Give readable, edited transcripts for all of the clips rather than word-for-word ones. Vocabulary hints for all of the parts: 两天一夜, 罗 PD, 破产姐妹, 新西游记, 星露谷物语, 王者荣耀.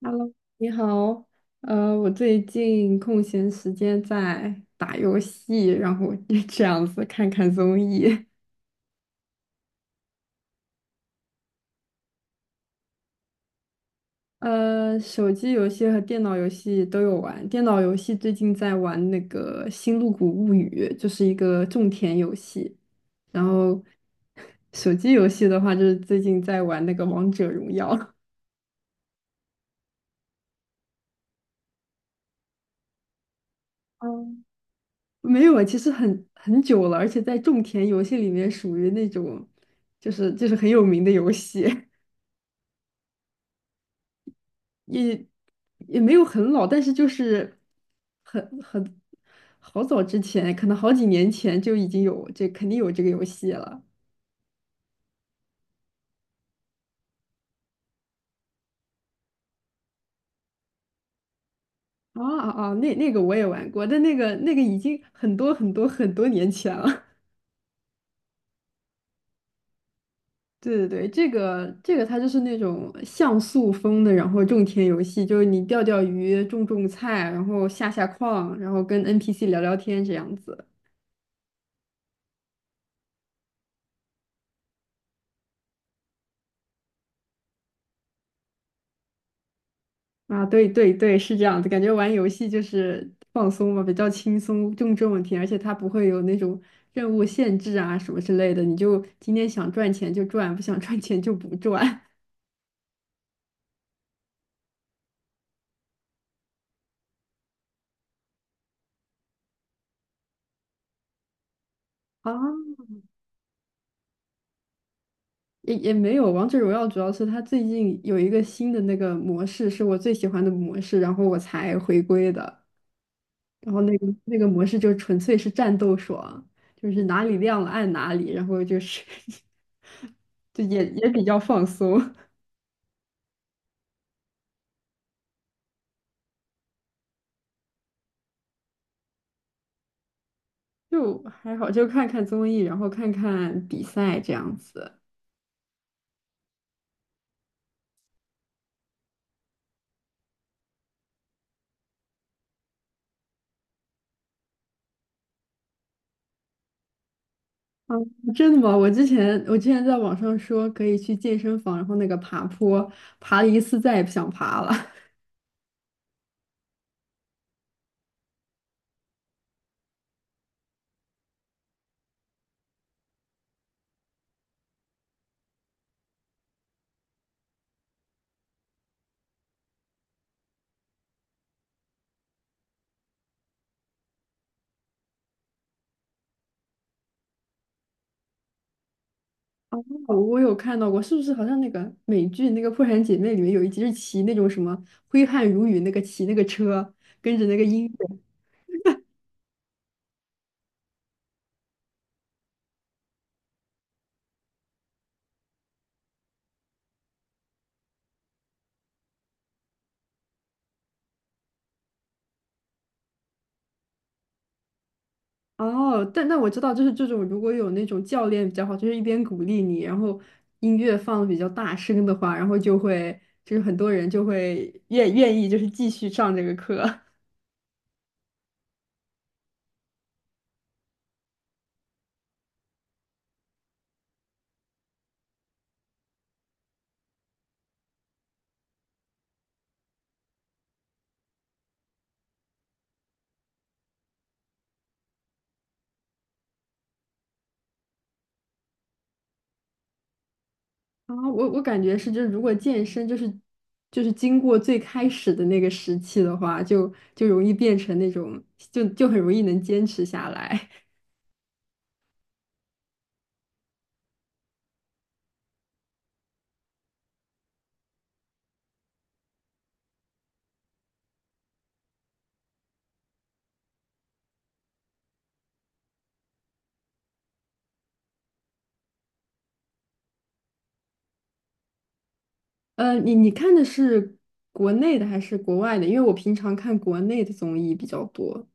Hello，你好，我最近空闲时间在打游戏，然后 这样子看看综艺。手机游戏和电脑游戏都有玩。电脑游戏最近在玩那个《星露谷物语》，就是一个种田游戏。然后手机游戏的话，就是最近在玩那个《王者荣耀》。嗯，没有啊，其实很久了，而且在种田游戏里面属于那种，就是很有名的游戏。也也没有很老，但是就是很很好早之前，可能好几年前就已经肯定有这个游戏了。啊啊啊！那个我也玩过，但那个已经很多很多很多年前了。对对对，这个它就是那种像素风的，然后种田游戏，就是你钓钓鱼、种种菜，然后下下矿，然后跟 NPC 聊聊天这样子。啊，对对对，是这样的，感觉玩游戏就是放松嘛，比较轻松，更重问题，而且它不会有那种任务限制啊什么之类的，你就今天想赚钱就赚，不想赚钱就不赚。 啊，也没有。王者荣耀主要是它最近有一个新的那个模式，是我最喜欢的模式，然后我才回归的。然后那个模式就纯粹是战斗爽，就是哪里亮了按哪里，然后就是 就也比较放松。就还好，就看看综艺，然后看看比赛这样子。啊，真的吗？我之前在网上说可以去健身房，然后那个爬坡，爬了一次再也不想爬了。我有看到过，是不是好像那个美剧那个《破产姐妹》里面有一集是骑那种什么挥汗如雨那个骑那个车，跟着那个音乐。哦，但那我知道，就是这种如果有那种教练比较好，就是一边鼓励你，然后音乐放的比较大声的话，然后就会就是很多人就会愿意就是继续上这个课。啊，我感觉是，就是如果健身就是经过最开始的那个时期的话，就容易变成那种就很容易能坚持下来。你看的是国内的还是国外的？因为我平常看国内的综艺比较多。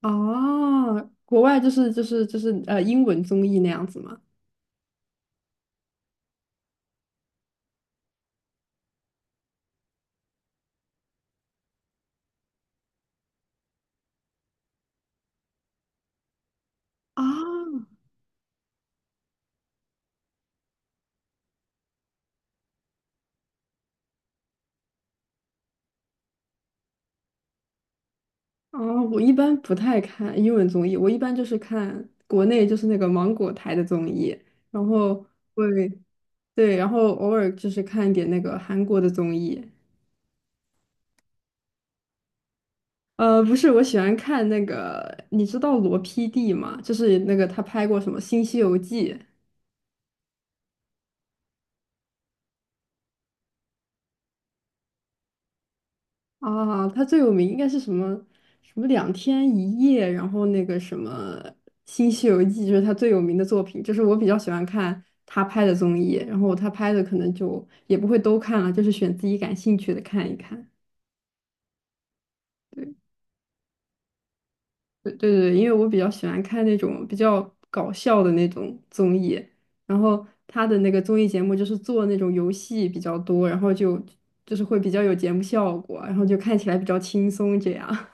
哦，国外就是英文综艺那样子吗？啊，哦，我一般不太看英文综艺，我一般就是看国内就是那个芒果台的综艺，然后会对，然后偶尔就是看一点那个韩国的综艺。不是，我喜欢看那个，你知道罗 PD 吗？就是那个他拍过什么《新西游记》。啊，他最有名应该是什么？什么两天一夜，然后那个什么《新西游记》，就是他最有名的作品。就是我比较喜欢看他拍的综艺，然后他拍的可能就也不会都看了，就是选自己感兴趣的看一看。对对对对，因为我比较喜欢看那种比较搞笑的那种综艺，然后他的那个综艺节目就是做那种游戏比较多，然后就是会比较有节目效果，然后就看起来比较轻松这样。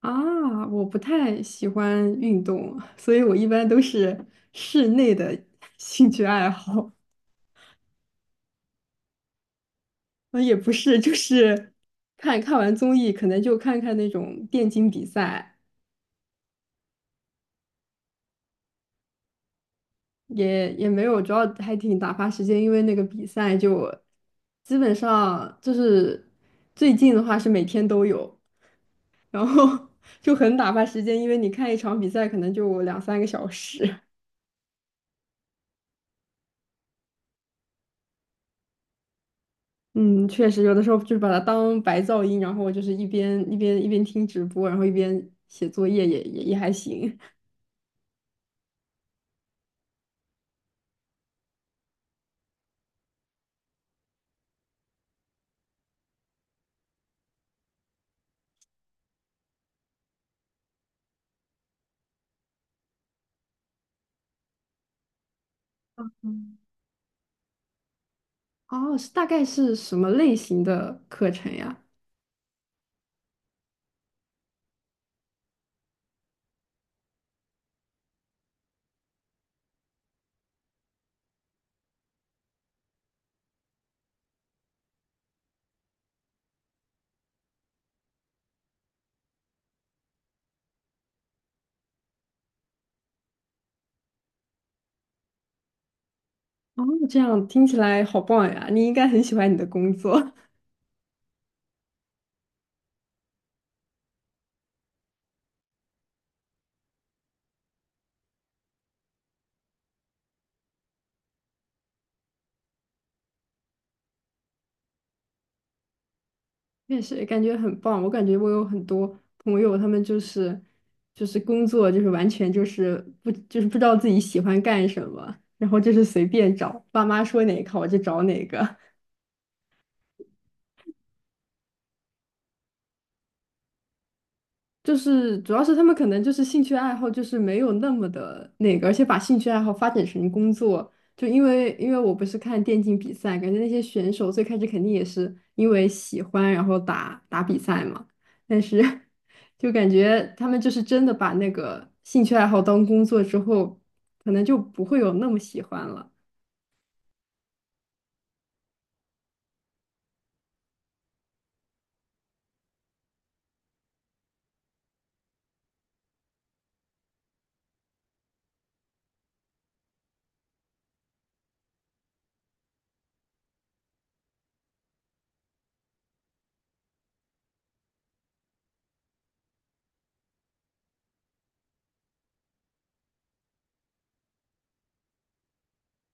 啊，我不太喜欢运动，所以我一般都是室内的 兴趣爱好。也不是，就是 看完综艺，可能就看看那种电竞比赛，也没有，主要还挺打发时间，因为那个比赛就基本上就是最近的话是每天都有，然后 就很打发时间，因为你看一场比赛可能就2、3个小时。嗯，确实，有的时候就是把它当白噪音，然后就是一边听直播，然后一边写作业也还行。嗯哦，是大概是什么类型的课程呀？哦，这样听起来好棒呀！你应该很喜欢你的工作，确实感觉很棒。我感觉我有很多朋友，他们就是工作就是完全就是不知道自己喜欢干什么，然后就是随便找，爸妈说哪个我就找哪个。就是主要是他们可能就是兴趣爱好就是没有那么的那个，而且把兴趣爱好发展成工作，就因为我不是看电竞比赛，感觉那些选手最开始肯定也是因为喜欢然后打打比赛嘛，但是 就感觉他们就是真的把那个兴趣爱好当工作之后，可能就不会有那么喜欢了。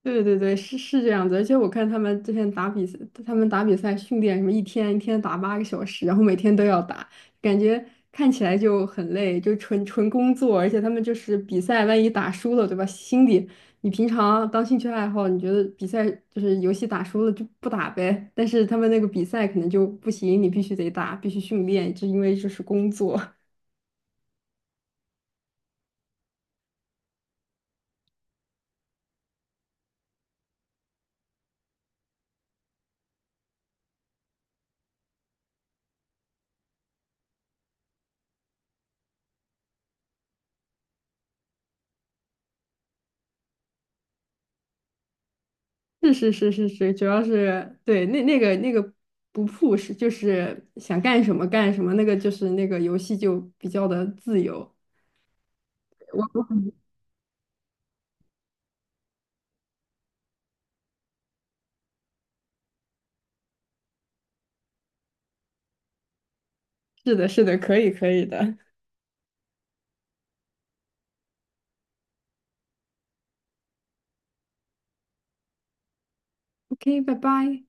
对对对，是是这样子，而且我看他们之前打比赛，他们打比赛训练什么一天一天打8个小时，然后每天都要打，感觉看起来就很累，就纯纯工作，而且他们就是比赛，万一打输了，对吧？心里你平常当兴趣爱好，你觉得比赛就是游戏打输了就不打呗，但是他们那个比赛可能就不行，你必须得打，必须训练，就因为这是工作。是是是是是，主要是对那个不 push,就是想干什么干什么，那个就是那个游戏就比较的自由。我是的，是的，可以可以的。OK,拜拜。